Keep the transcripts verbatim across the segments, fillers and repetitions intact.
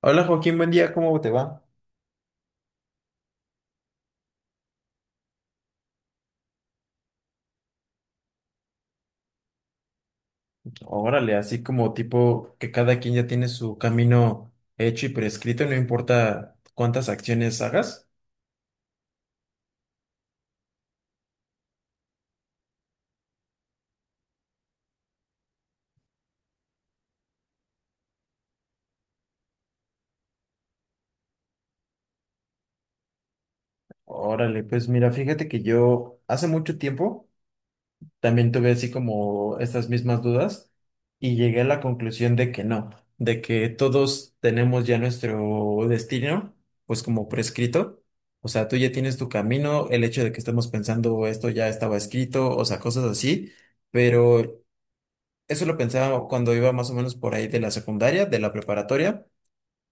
Hola Joaquín, buen día, ¿cómo te va? Órale, así como tipo que cada quien ya tiene su camino hecho y prescrito, no importa cuántas acciones hagas. Órale, pues mira, fíjate que yo hace mucho tiempo también tuve así como estas mismas dudas y llegué a la conclusión de que no, de que todos tenemos ya nuestro destino, pues como prescrito. O sea, tú ya tienes tu camino, el hecho de que estemos pensando esto ya estaba escrito, o sea, cosas así. Pero eso lo pensaba cuando iba más o menos por ahí de la secundaria, de la preparatoria,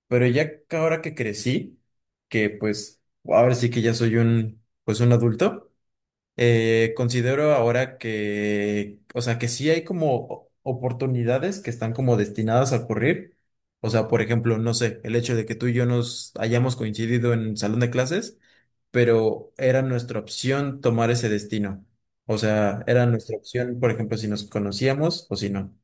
pero ya que ahora que crecí, que pues ahora sí que ya soy un, pues un adulto, eh, considero ahora que, o sea, que sí hay como o- oportunidades que están como destinadas a ocurrir. O sea, por ejemplo, no sé, el hecho de que tú y yo nos hayamos coincidido en el salón de clases, pero era nuestra opción tomar ese destino. O sea, era nuestra opción, por ejemplo, si nos conocíamos o si no.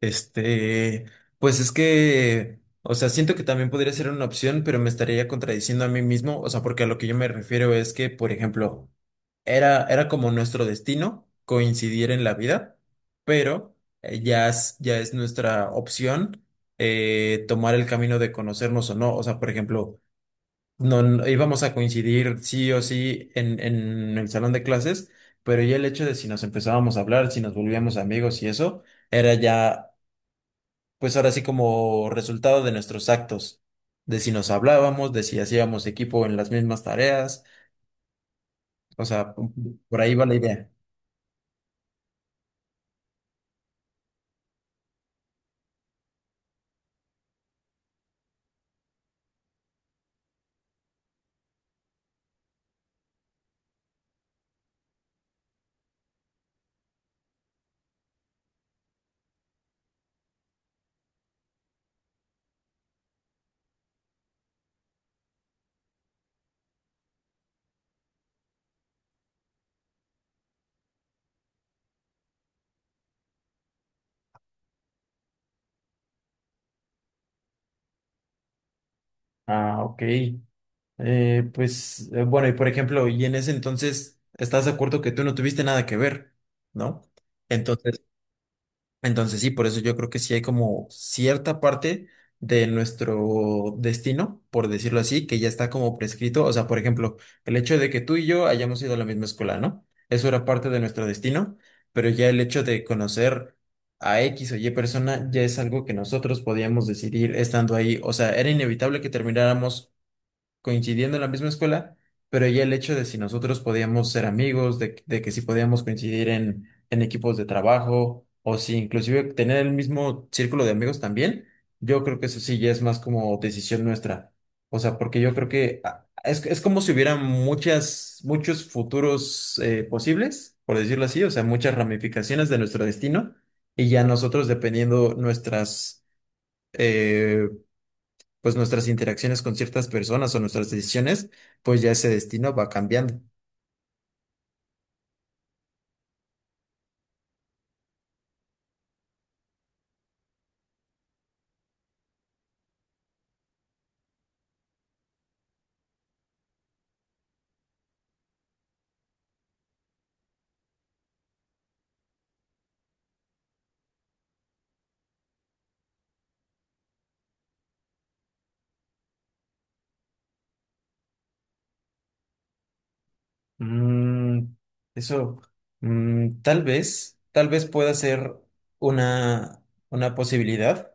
Este, pues es que, o sea, siento que también podría ser una opción, pero me estaría contradiciendo a mí mismo, o sea, porque a lo que yo me refiero es que, por ejemplo, era, era como nuestro destino coincidir en la vida, pero eh, ya es, ya es nuestra opción eh, tomar el camino de conocernos o no, o sea, por ejemplo, no, no íbamos a coincidir sí o sí en, en el salón de clases, pero ya el hecho de si nos empezábamos a hablar, si nos volvíamos amigos y eso, era ya pues ahora sí como resultado de nuestros actos, de si nos hablábamos, de si hacíamos equipo en las mismas tareas, o sea, por ahí va la idea. Ah, ok. Eh, pues eh, bueno, y por ejemplo, y en ese entonces, ¿estás de acuerdo que tú no tuviste nada que ver, ¿no? Entonces, entonces sí, por eso yo creo que sí hay como cierta parte de nuestro destino, por decirlo así, que ya está como prescrito. O sea, por ejemplo, el hecho de que tú y yo hayamos ido a la misma escuela, ¿no? Eso era parte de nuestro destino, pero ya el hecho de conocer a X o Y persona ya es algo que nosotros podíamos decidir estando ahí. O sea, era inevitable que termináramos coincidiendo en la misma escuela, pero ya el hecho de si nosotros podíamos ser amigos, de, de que si podíamos coincidir en, en equipos de trabajo, o si inclusive tener el mismo círculo de amigos también, yo creo que eso sí ya es más como decisión nuestra. O sea, porque yo creo que ah, es, es como si hubiera muchas, muchos futuros eh, posibles, por decirlo así, o sea, muchas ramificaciones de nuestro destino, y ya nosotros dependiendo nuestras eh, pues nuestras interacciones con ciertas personas o nuestras decisiones, pues ya ese destino va cambiando. Mm, eso, mm, tal vez, tal vez pueda ser una, una posibilidad,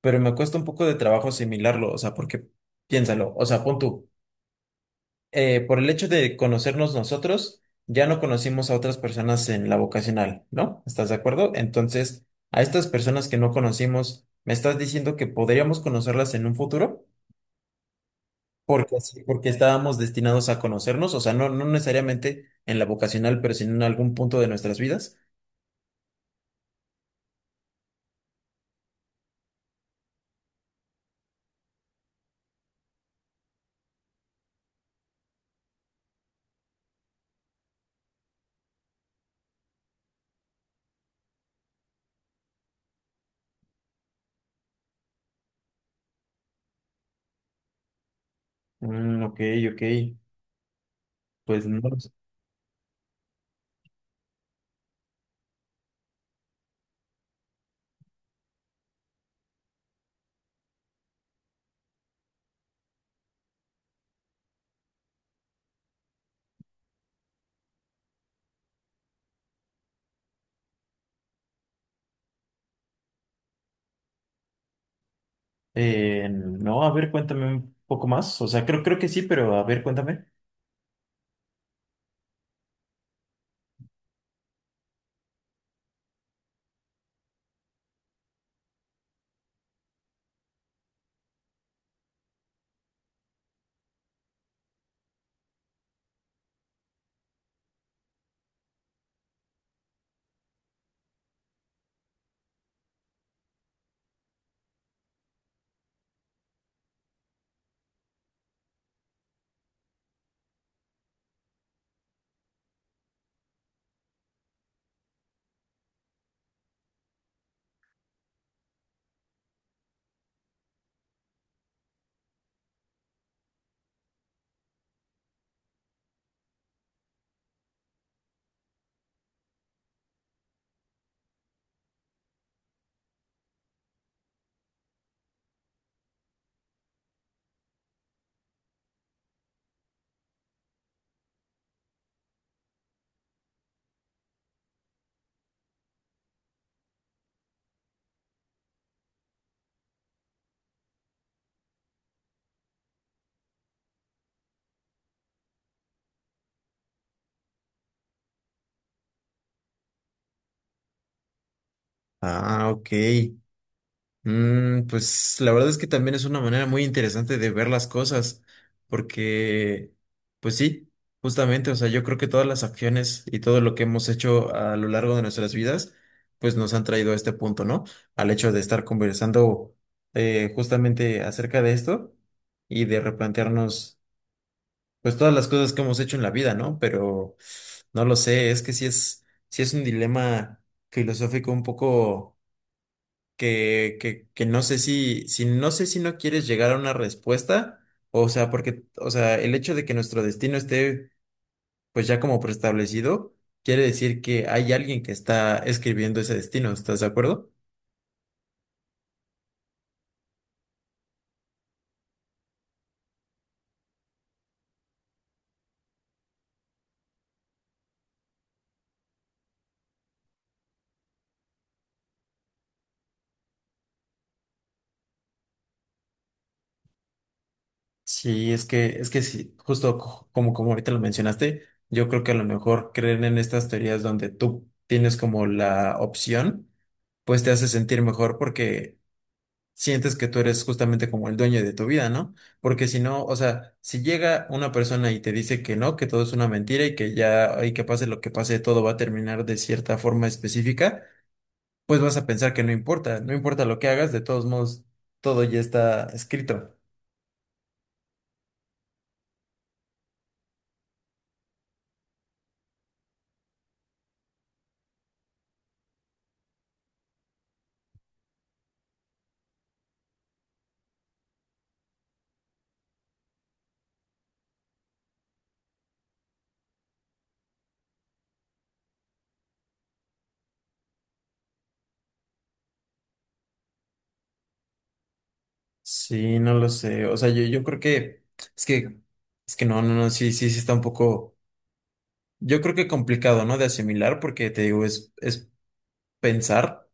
pero me cuesta un poco de trabajo asimilarlo, o sea, porque piénsalo, o sea, pon tú, eh, por el hecho de conocernos nosotros, ya no conocimos a otras personas en la vocacional, ¿no? ¿Estás de acuerdo? Entonces, a estas personas que no conocimos, ¿me estás diciendo que podríamos conocerlas en un futuro? Porque sí, porque estábamos destinados a conocernos, o sea, no, no necesariamente en la vocacional, pero sino en algún punto de nuestras vidas. Mm, ok, ok. Pues no, lo sé. Eh, no, a ver, cuéntame un poco más. O sea, creo, creo que sí, pero a ver, cuéntame. Ah, ok. Mm, pues la verdad es que también es una manera muy interesante de ver las cosas, porque, pues sí, justamente, o sea, yo creo que todas las acciones y todo lo que hemos hecho a lo largo de nuestras vidas, pues nos han traído a este punto, ¿no? Al hecho de estar conversando eh, justamente acerca de esto y de replantearnos, pues todas las cosas que hemos hecho en la vida, ¿no? Pero no lo sé, es que sí es, sí es un dilema filosófico un poco que, que, que no sé si, si no sé si no quieres llegar a una respuesta, o sea, porque, o sea, el hecho de que nuestro destino esté pues ya como preestablecido, quiere decir que hay alguien que está escribiendo ese destino, ¿estás de acuerdo? Sí, es que, es que sí, justo co- como, como ahorita lo mencionaste, yo creo que a lo mejor creer en estas teorías donde tú tienes como la opción, pues te hace sentir mejor porque sientes que tú eres justamente como el dueño de tu vida, ¿no? Porque si no, o sea, si llega una persona y te dice que no, que todo es una mentira y que ya, y que pase lo que pase, todo va a terminar de cierta forma específica, pues vas a pensar que no importa, no importa lo que hagas, de todos modos, todo ya está escrito. Sí, no lo sé, o sea, yo, yo creo que, es que, es que no, no, no, sí, sí, sí está un poco, yo creo que complicado, ¿no? De asimilar porque te digo, es, es pensar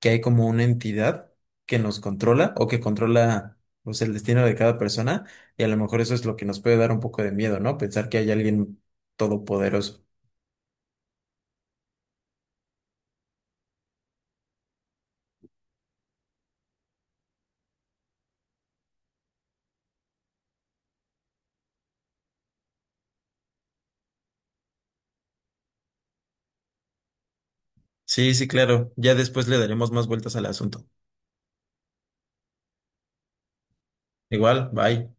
que hay como una entidad que nos controla o que controla pues, el destino de cada persona y a lo mejor eso es lo que nos puede dar un poco de miedo, ¿no? Pensar que hay alguien todopoderoso. Sí, sí, claro. Ya después le daremos más vueltas al asunto. Igual, bye.